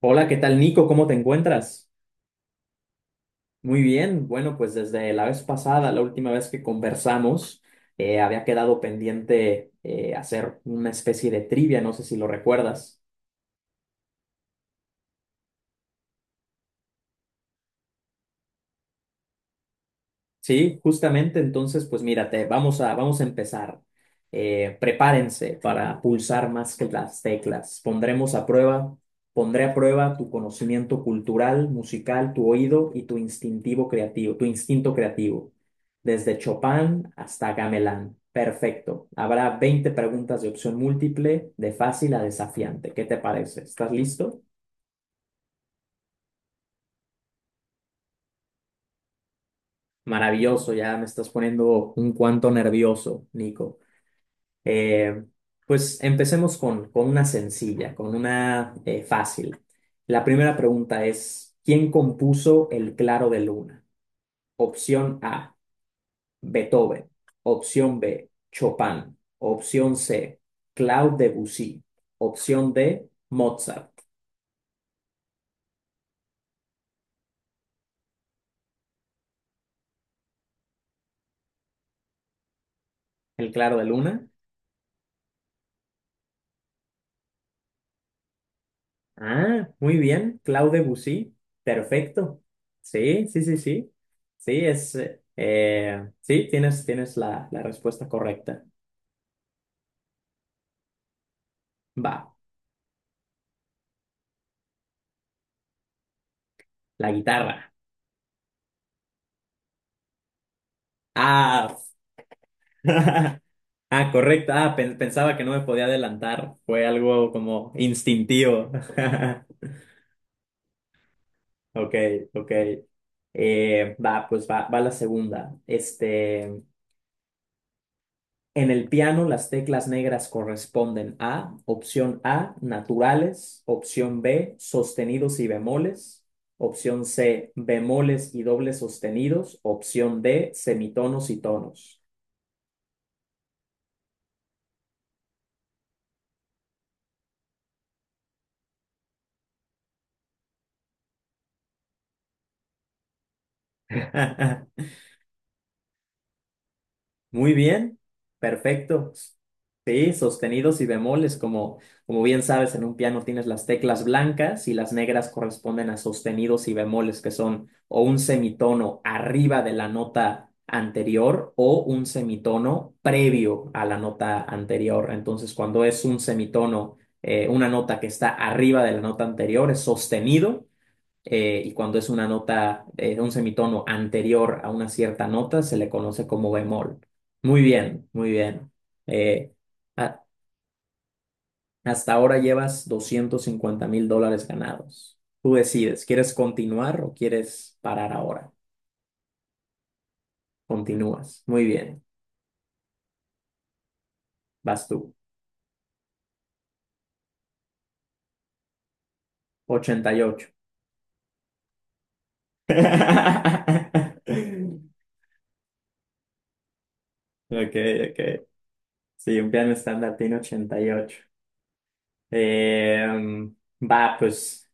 Hola, ¿qué tal, Nico? ¿Cómo te encuentras? Muy bien. Bueno, pues desde la vez pasada, la última vez que conversamos, había quedado pendiente hacer una especie de trivia, no sé si lo recuerdas. Sí, justamente, entonces, pues mírate, vamos a empezar. Prepárense para pulsar más que las teclas. Pondré a prueba tu conocimiento cultural, musical, tu oído y tu instinto creativo, desde Chopin hasta Gamelán. Perfecto. Habrá 20 preguntas de opción múltiple, de fácil a desafiante. ¿Qué te parece? ¿Estás listo? Maravilloso, ya me estás poniendo un cuanto nervioso, Nico. Eh, pues empecemos con una sencilla, con una fácil. La primera pregunta es, ¿quién compuso El Claro de Luna? Opción A, Beethoven. Opción B, Chopin. Opción C, Claude Debussy. Opción D, Mozart. ¿El Claro de Luna? Ah, muy bien, Claude Debussy. Perfecto. Sí, sí, sí, sí. Sí, sí, tienes la respuesta correcta. Va. La guitarra. Ah, ah, correcto. Ah, pensaba que no me podía adelantar. Fue algo como instintivo. Ok, ok. Va la segunda. Este, en el piano las teclas negras corresponden a opción A, naturales, opción B, sostenidos y bemoles, opción C, bemoles y dobles sostenidos, opción D, semitonos y tonos. Muy bien, perfecto. Sí, sostenidos y bemoles, como bien sabes, en un piano tienes las teclas blancas y las negras corresponden a sostenidos y bemoles, que son o un semitono arriba de la nota anterior o un semitono previo a la nota anterior. Entonces, cuando es un semitono, una nota que está arriba de la nota anterior es sostenido y cuando es una nota, un semitono anterior a una cierta nota, se le conoce como bemol. Muy bien, muy bien. Eh, a- hasta ahora llevas $250,000 ganados. Tú decides, ¿quieres continuar o quieres parar ahora? Continúas. Muy bien, vas tú. 88. Ok, ok. Sí, un piano estándar tiene 88. Eh, va, pues.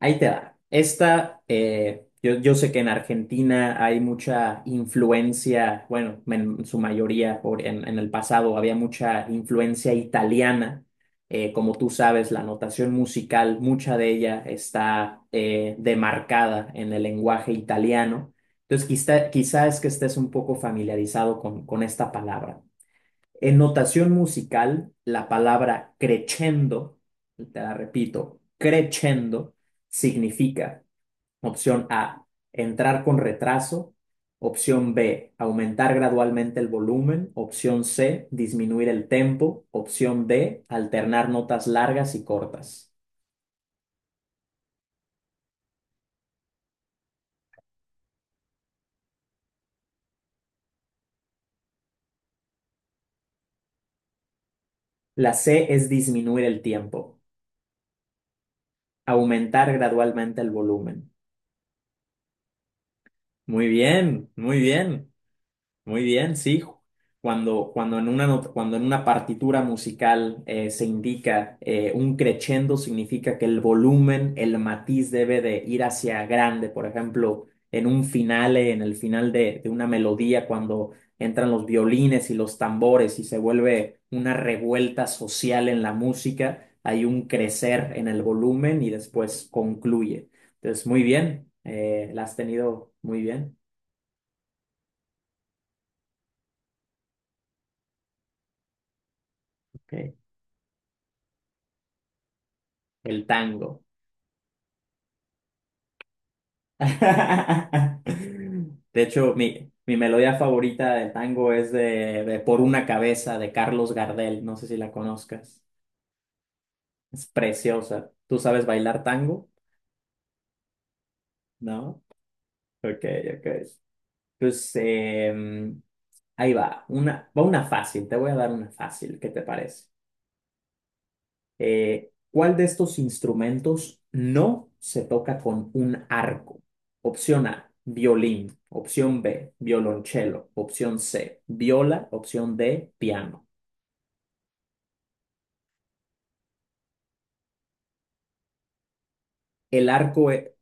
Ahí te da. Yo sé que en Argentina hay mucha influencia, bueno, en su mayoría, en el pasado había mucha influencia italiana. Como tú sabes, la notación musical, mucha de ella está demarcada en el lenguaje italiano. Entonces, quizá es que estés un poco familiarizado con esta palabra. En notación musical, la palabra crescendo, te la repito, crescendo significa opción A, entrar con retraso, opción B, aumentar gradualmente el volumen, opción C, disminuir el tempo, opción D, alternar notas largas y cortas. La C es disminuir el tiempo, aumentar gradualmente el volumen. Muy bien, muy bien. Muy bien, sí. Cuando en una, not- cuando en una partitura musical se indica un crescendo, significa que el volumen, el matiz debe de ir hacia grande. Por ejemplo, en un finale, en el final de una melodía, cuando entran los violines y los tambores y se vuelve una revuelta social en la música, hay un crecer en el volumen y después concluye. Entonces, muy bien, la has tenido muy bien. Ok. El tango. De hecho, mi melodía favorita del tango es de Por una cabeza de Carlos Gardel. No sé si la conozcas. Es preciosa. ¿Tú sabes bailar tango? ¿No? Ok, ok. Pues em, ahí va. Va una fácil. Te voy a dar una fácil. ¿Qué te parece? ¿Cuál de estos instrumentos no se toca con un arco? Opción A, violín. Opción B, violonchelo. Opción C, viola. Opción D, piano. El arco e-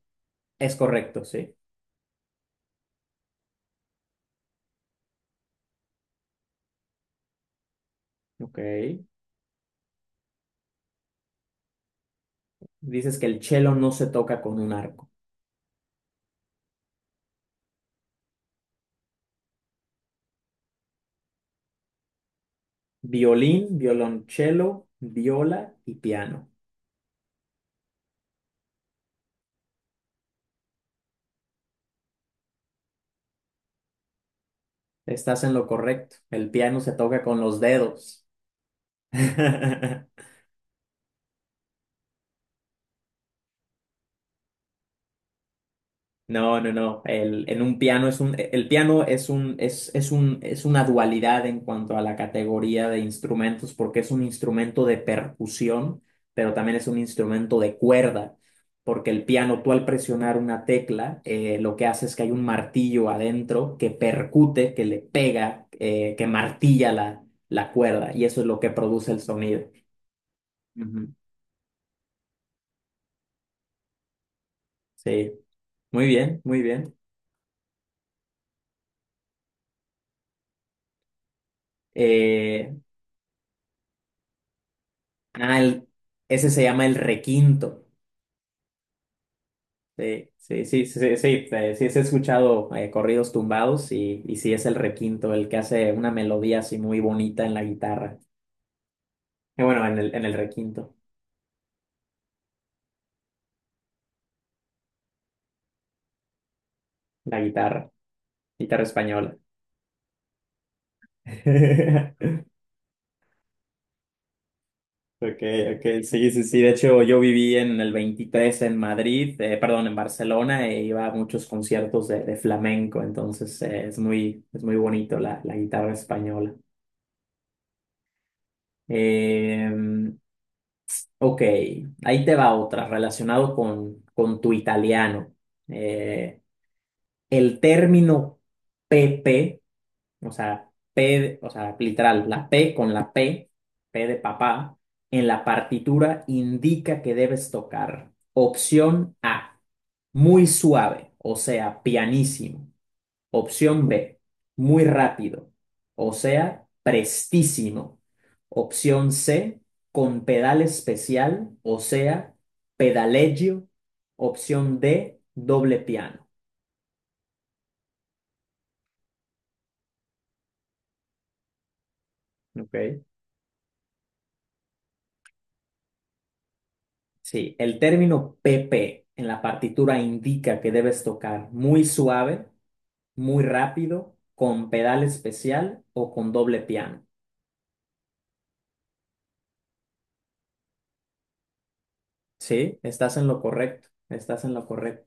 es, correcto, sí. Ok. Dices que el chelo no se toca con un arco. Violín, violonchelo, viola y piano. Estás en lo correcto. El piano se toca con los dedos. No, no, no. El piano es una dualidad en cuanto a la categoría de instrumentos, porque es un instrumento de percusión, pero también es un instrumento de cuerda, porque el piano, tú al presionar una tecla, lo que hace es que hay un martillo adentro que percute, que le pega, que martilla la cuerda, y eso es lo que produce el sonido. Ujú. Sí, muy bien, muy bien. Eh, ah, el- ese se llama el requinto. Sí, sí he escuchado corridos tumbados y sí es el requinto el que hace una melodía así muy bonita en la guitarra. Bueno, en el requinto, la guitarra, guitarra española. Ok, ok, sí, sí, sí. De hecho, yo viví en el 23 en Madrid, perdón, en Barcelona, e iba a muchos conciertos de flamenco, entonces es muy bonito la guitarra española. Eh, Ok, ahí te va otra relacionado con tu italiano. Eh, el término PP, o sea, P, o sea, literal, la P con la P, P de papá, en la partitura indica que debes tocar. Opción A, muy suave, o sea, pianísimo. Opción B, muy rápido, o sea, prestísimo. Opción C, con pedal especial, o sea, pedaleggio. Opción D, doble piano. Ok. Sí, el término PP en la partitura indica que debes tocar muy suave, muy rápido, con pedal especial o con doble piano. Sí, estás en lo correcto, estás en lo correcto.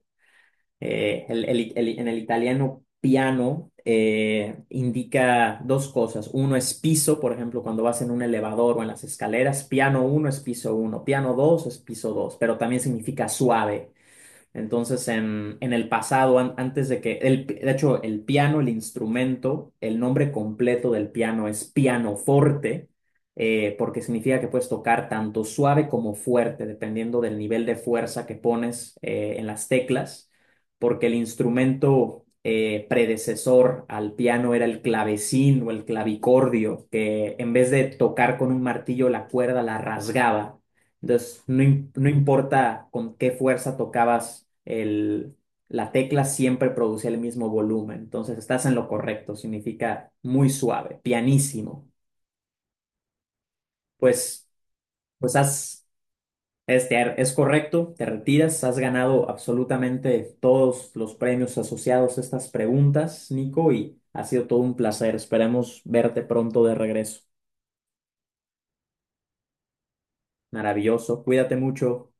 El- en el italiano piano indica dos cosas. Uno es piso, por ejemplo, cuando vas en un elevador o en las escaleras, piano uno es piso uno, piano 2 es piso dos, pero también significa suave. Entonces, en el pasado, antes de que, el, de hecho, el piano, el instrumento, el nombre completo del piano es pianoforte, porque significa que puedes tocar tanto suave como fuerte, dependiendo del nivel de fuerza que pones en las teclas, porque el instrumento predecesor al piano era el clavecín o el clavicordio, que en vez de tocar con un martillo la cuerda, la rasgaba entonces, no importa con qué fuerza tocabas la tecla, siempre producía el mismo volumen. Entonces, estás en lo correcto, significa muy suave, pianísimo. Pues, pues has, es correcto, te retiras, has ganado absolutamente todos los premios asociados a estas preguntas, Nico, y ha sido todo un placer. Esperemos verte pronto de regreso. Maravilloso, cuídate mucho.